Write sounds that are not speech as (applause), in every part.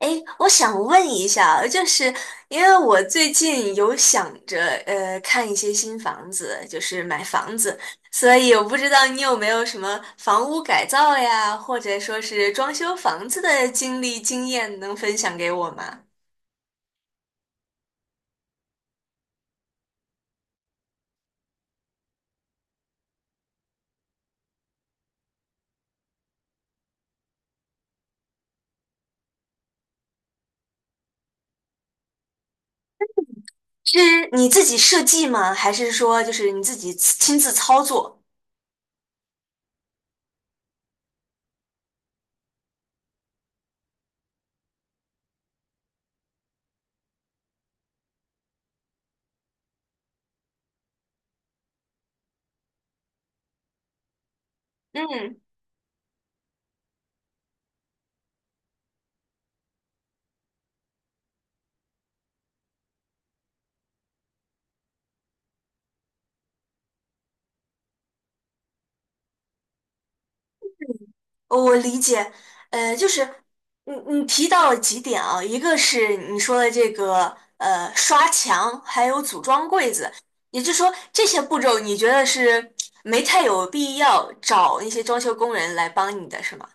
诶，我想问一下，就是因为我最近有想着看一些新房子，就是买房子，所以我不知道你有没有什么房屋改造呀，或者说是装修房子的经历经验能分享给我吗？是你自己设计吗？还是说就是你自己亲自操作？嗯。哦，我理解。就是你你提到了几点啊，一个是你说的这个刷墙，还有组装柜子，也就是说这些步骤你觉得是没太有必要找那些装修工人来帮你的是吗？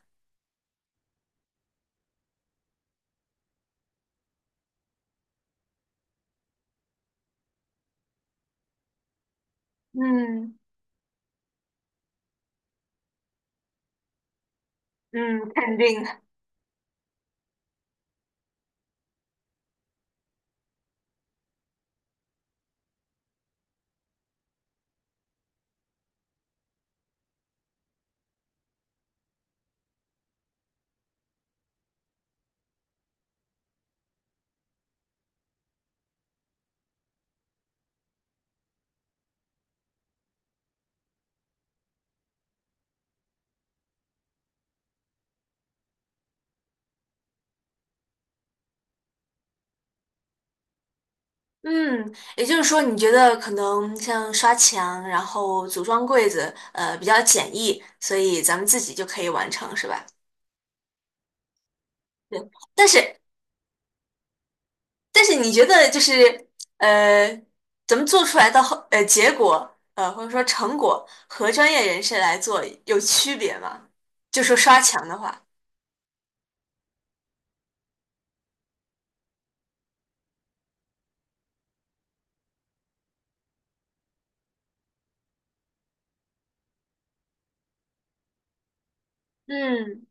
嗯。嗯，肯定。嗯，也就是说你觉得可能像刷墙，然后组装柜子，呃，比较简易，所以咱们自己就可以完成是吧？对，但是。但是你觉得就是呃，咱们做出来的结果或者说成果和专业人士来做有区别吗？就说刷墙的话，嗯。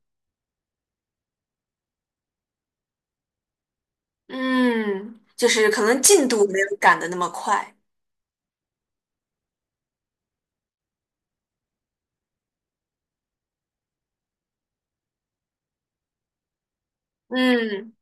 嗯，就是可能进度没有赶的那么快。嗯，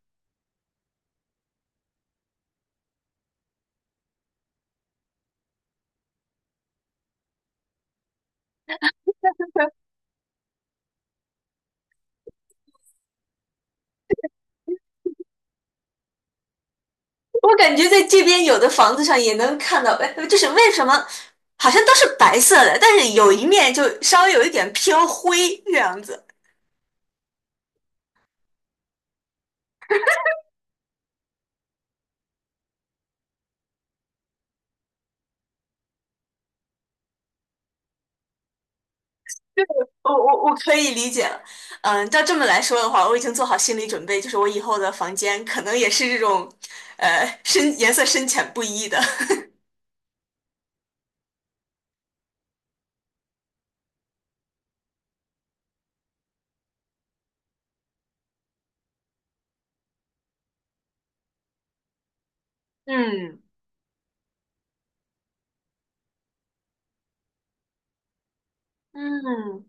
我感觉在这边有的房子上也能看到，(laughs) 就是为什么好像都是白色的，但是有一面就稍微有一点偏灰这样子。我可以理解了。嗯，照这么来说的话，我已经做好心理准备，就是我以后的房间可能也是这种，呃，深颜色深浅不一的。(laughs) 嗯。嗯，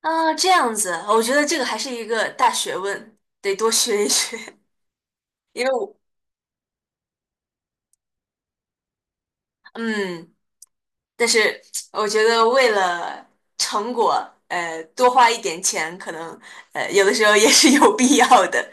啊，这样子，我觉得这个还是一个大学问，得多学一学。(laughs) 因为我，嗯，但是我觉得为了成果，呃，多花一点钱，可能有的时候也是有必要的。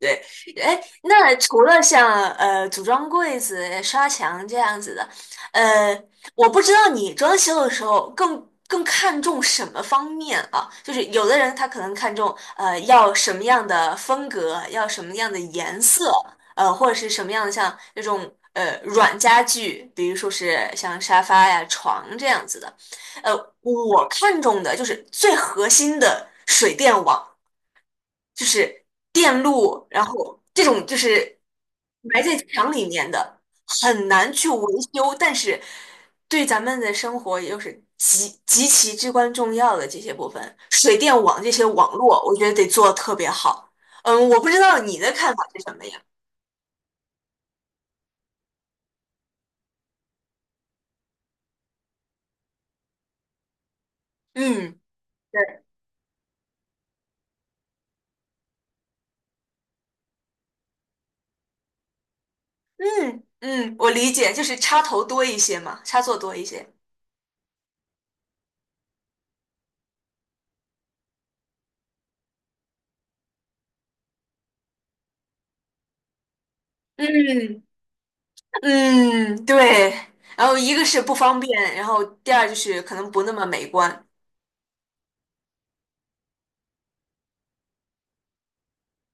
对，哎，那除了像组装柜子、刷墙这样子的，呃，我不知道你装修的时候更看重什么方面啊？就是有的人他可能看重要什么样的风格，要什么样的颜色，呃，或者是什么样的像那种软家具，比如说是像沙发呀、床这样子的。呃，我看重的就是最核心的水电网。就是电路，然后这种就是埋在墙里面的，很难去维修，但是对咱们的生活也就是极其至关重要的这些部分，水电网这些网络，我觉得得做得特别好。嗯，我不知道你的看法是什么呀？嗯，对。嗯，嗯，我理解，就是插头多一些嘛，插座多一些。嗯。嗯，对。然后一个是不方便，然后第二就是可能不那么美观。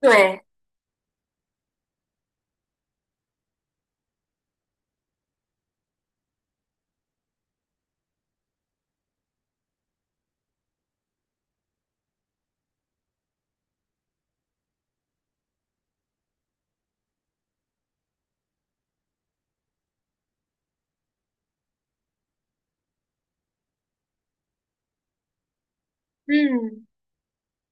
对，嗯，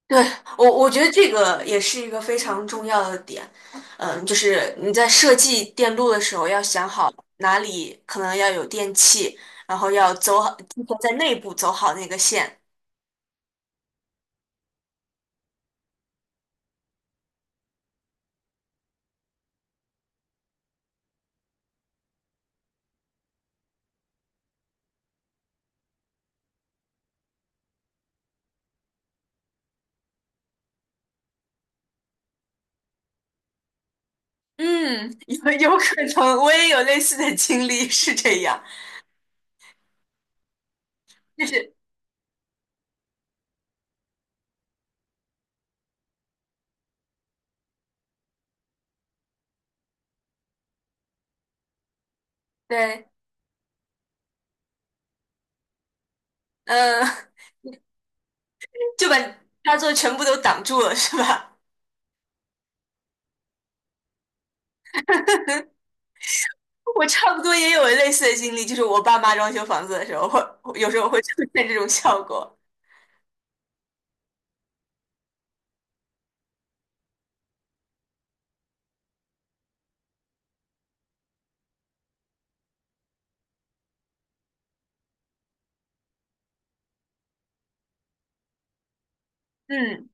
对，我觉得这个也是一个非常重要的点。嗯，就是你在设计电路的时候要想好哪里可能要有电器，然后要走好，提前在内部走好那个线。嗯，有可能，我也有类似的经历，是这样，就是对，嗯，(laughs) 就把插座全部都挡住了，是吧？(laughs) 我差不多也有类似的经历，就是我爸妈装修房子的时候，会有时候会出现这种效果。嗯。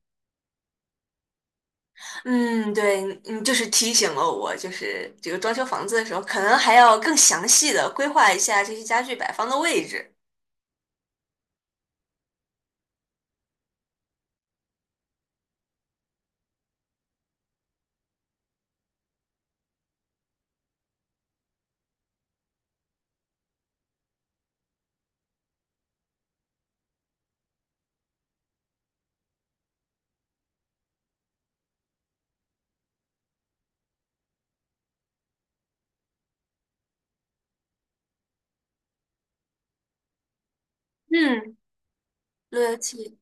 嗯，对，嗯，就是提醒了我，就是这个装修房子的时候，可能还要更详细的规划一下这些家具摆放的位置。嗯，路由器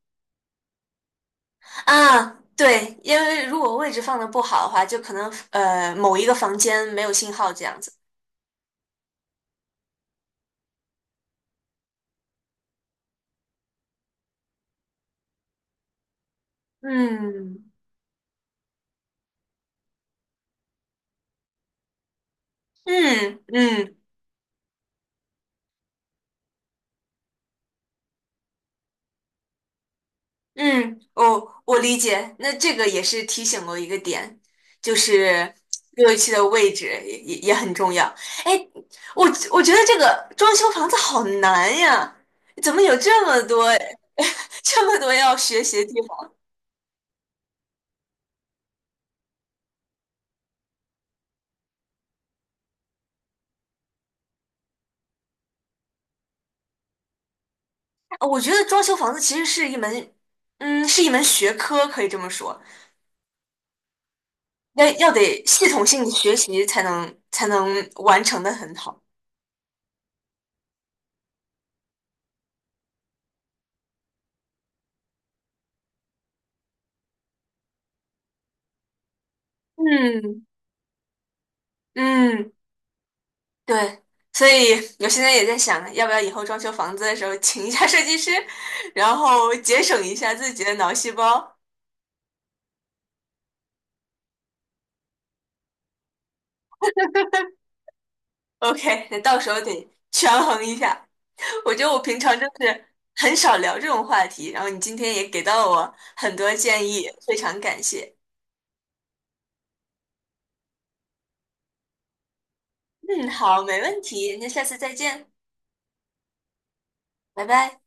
啊。对，因为如果位置放的不好的话，就可能某一个房间没有信号这样子。嗯。嗯。嗯，嗯，哦，我理解。那这个也是提醒我一个点，就是热器的位置也也很重要。哎，我我觉得这个装修房子好难呀，怎么有这么多 (laughs) 这么多要学习的地方？我觉得装修房子其实是一门，嗯，是一门学科，可以这么说，要得系统性的学习才能完成的很好。嗯。嗯。对，所以我现在也在想，要不要以后装修房子的时候请一下设计师，然后节省一下自己的脑细胞。OK，那到时候得权衡一下。我觉得我平常就是很少聊这种话题，然后你今天也给到了我很多建议，非常感谢。嗯，好，没问题，那下次再见，拜拜。